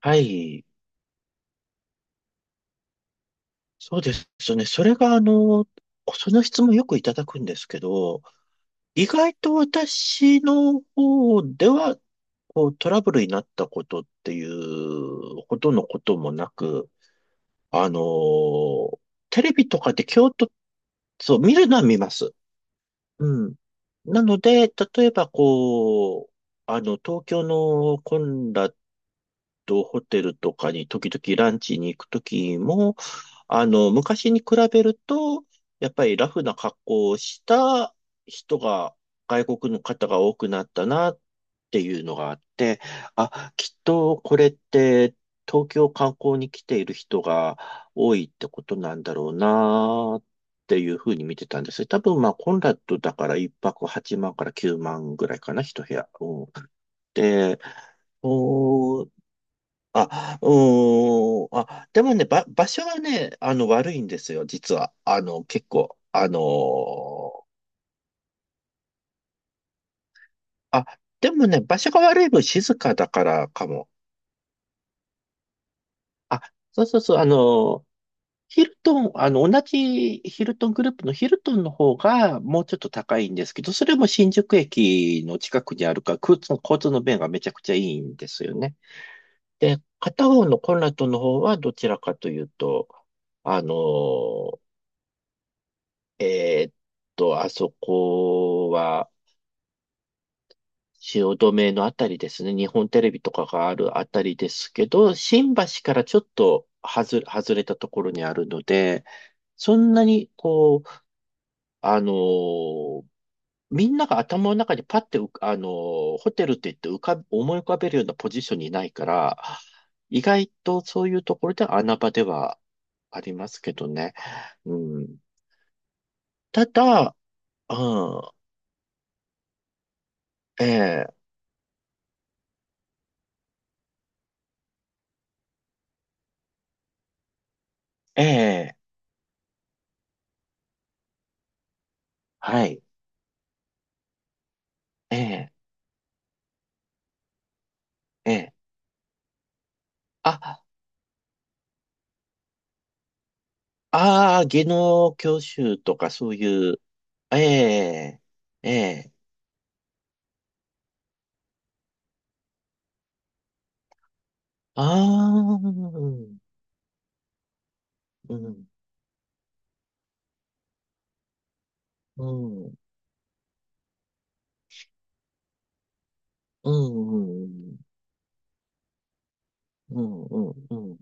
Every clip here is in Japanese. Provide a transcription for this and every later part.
はい。そうですね。それが、その質問よくいただくんですけど、意外と私の方では、トラブルになったことっていうほどのこともなく、あの、テレビとかで京都、そう、見るのは見ます。うん。なので、例えば、東京のコンラッドホテルとかに時々ランチに行くときも、昔に比べると、やっぱりラフな格好をした人が、外国の方が多くなったなっていうのがあって、あ、きっとこれって東京観光に来ている人が多いってことなんだろうなっていうふうに見てたんですよ。多分まあコンラッドだから1泊8万から9万ぐらいかな、一部屋。うん。で、あ、うーん。あ、でもね、場所はね、悪いんですよ、実は。結構、あ、でもね、場所が悪い分静かだからかも。あ、そうそうそう。ーヒルトン、同じヒルトングループのヒルトンの方がもうちょっと高いんですけど、それも新宿駅の近くにあるから、交通の便がめちゃくちゃいいんですよね。で、片方のコンラッドの方はどちらかというと、あのーえーっあそこは、汐留のあたりですね。日本テレビとかがあるあたりですけど、新橋からちょっと外れたところにあるので、そんなに、あのーみんなが頭の中にパッて浮か、ホテルって言って浮かぶ、思い浮かべるようなポジションにないから、意外とそういうところでは穴場ではありますけどね。うん、ただ、うん、ええ、ええ、はい。ええ、ええ。あ、ああ、技能教習とかそういう、ええ、ええ。ああ、うん、うん、うん、うん、うん、うん、うん。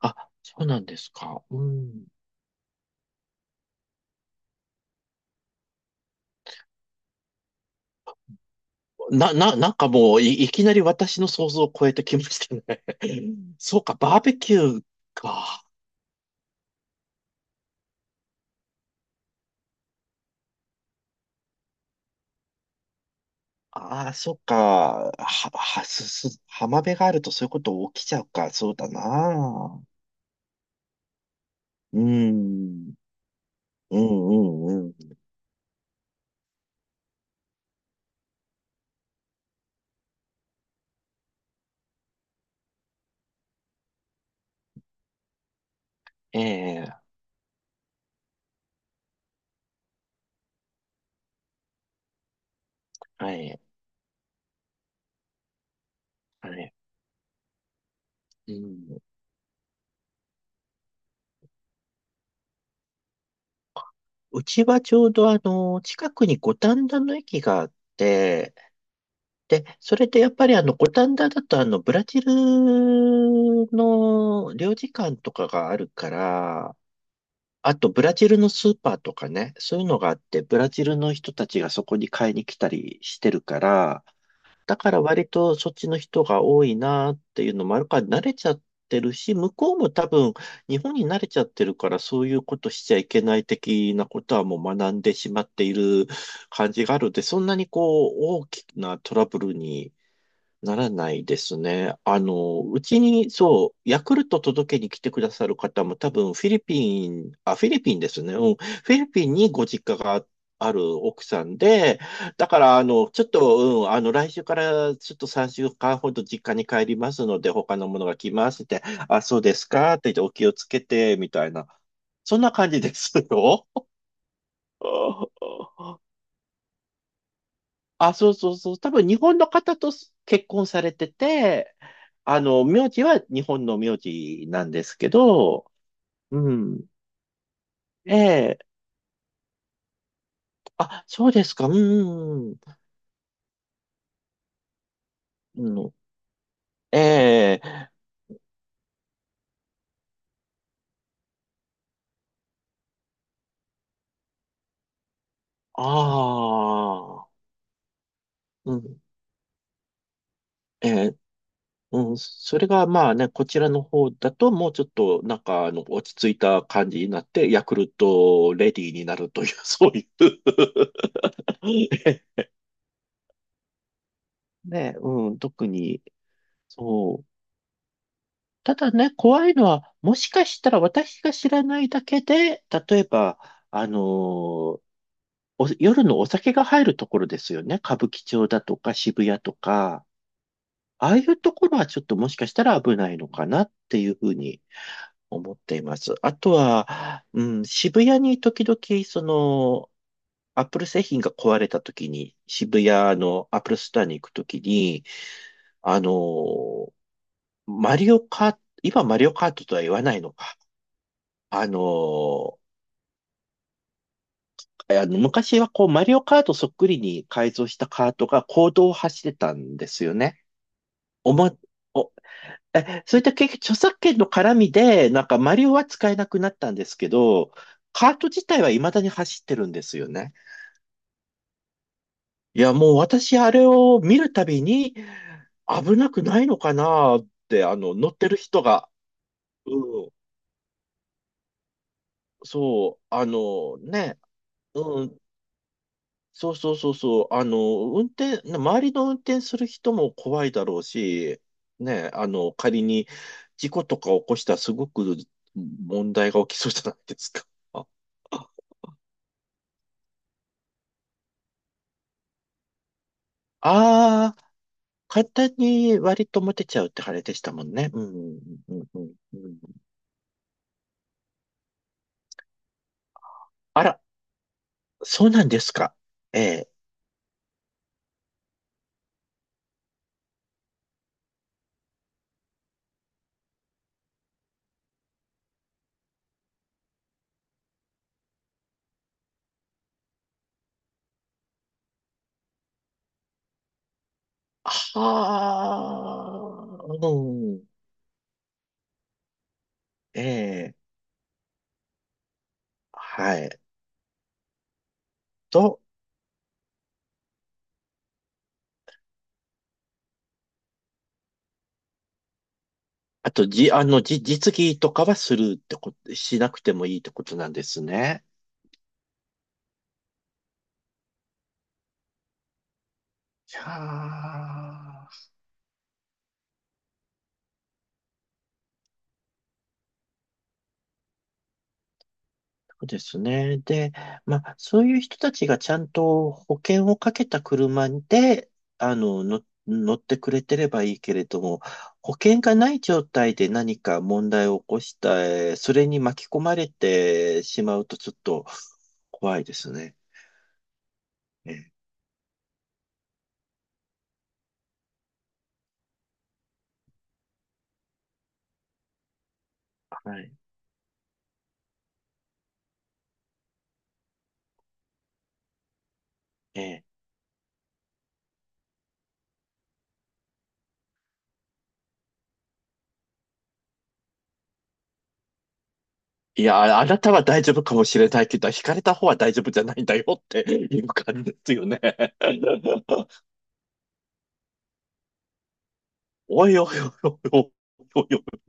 あ、そうなんですか。うん。なんかもういきなり私の想像を超えてきましたね。そうか、バーベキューか。ああ、そうか。は、は、す、す、浜辺があるとそういうこと起きちゃうか。そうだな。うーん。うん、うん、うん。ええ、はい、はい。うん。うちはちょうど近くに五反田の駅があって、で、それでやっぱり五反田だとブラジルの領事館とかがあるから、あとブラジルのスーパーとかね、そういうのがあって、ブラジルの人たちがそこに買いに来たりしてるから、だから割とそっちの人が多いなっていうのもあるから慣れちゃってるし、向こうも多分日本に慣れちゃってるからそういうことしちゃいけない的なことはもう学んでしまっている感じがあるので、そんなに大きなトラブルにならないですね。うちに、そう、ヤクルト届けに来てくださる方も多分フィリピン、あ、フィリピンですね。うん。フィリピンにご実家がある奥さんで、だから、ちょっと、うん、来週からちょっと3週間ほど実家に帰りますので、他のものが来ますって、あ、そうですかって言って、お気をつけて、みたいな。そんな感じですよ。あ、そうそうそう。多分日本の方と結婚されてて、名字は日本の名字なんですけど、うん。ええ、あ、そうですか。うん。うん、ええ、ああ、うん。ええ、うん。それがまあね、こちらの方だともうちょっとなんか落ち着いた感じになって、ヤクルトレディーになるという、そういう ね、うん。特に、そう。ただね、怖いのは、もしかしたら私が知らないだけで、例えば、あのーお夜のお酒が入るところですよね。歌舞伎町だとか渋谷とか、ああいうところはちょっともしかしたら危ないのかなっていうふうに思っています。あとは、うん、渋谷に時々、アップル製品が壊れた時に、渋谷のアップルストアに行く時に、あのーマリオカート、今マリオカートとは言わないのか。あのーあの昔はこう、マリオカートそっくりに改造したカートが公道を走ってたんですよね。おま、お、え、そういった結局著作権の絡みで、なんかマリオは使えなくなったんですけど、カート自体は未だに走ってるんですよね。いや、もう私あれを見るたびに、危なくないのかなって、乗ってる人が、うん、そう、あのね、うん、そうそうそうそう。ね周りの運転する人も怖いだろうし、ね、仮に事故とか起こしたらすごく問題が起きそうじゃないですか。ああー、簡単に割と持てちゃうってあれでしたもんね。うん、うん、うん、うん。あら、そうなんですか。ええ。はあ、うん、ええ、はい。と、あと、じ、あの、じ、実技とかはするってこと、しなくてもいいってことなんですね。いやー、そうですね。で、まあ、そういう人たちがちゃんと保険をかけた車で、あの、の、乗ってくれてればいいけれども、保険がない状態で何か問題を起こした、それに巻き込まれてしまうとちょっと怖いですね。ええ、はい。ええ、いや、あなたは大丈夫かもしれないけど、引かれた方は大丈夫じゃないんだよって いう感じですよね。おいおいおいおいおいおい。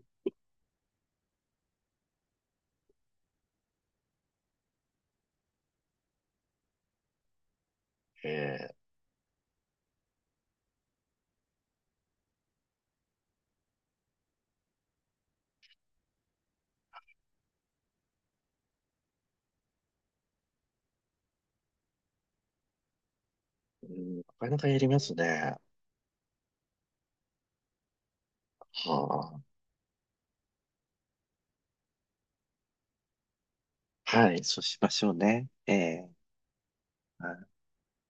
ええ、うん、なかなかやりますね。はあ、はい、そうしましょうね。ええ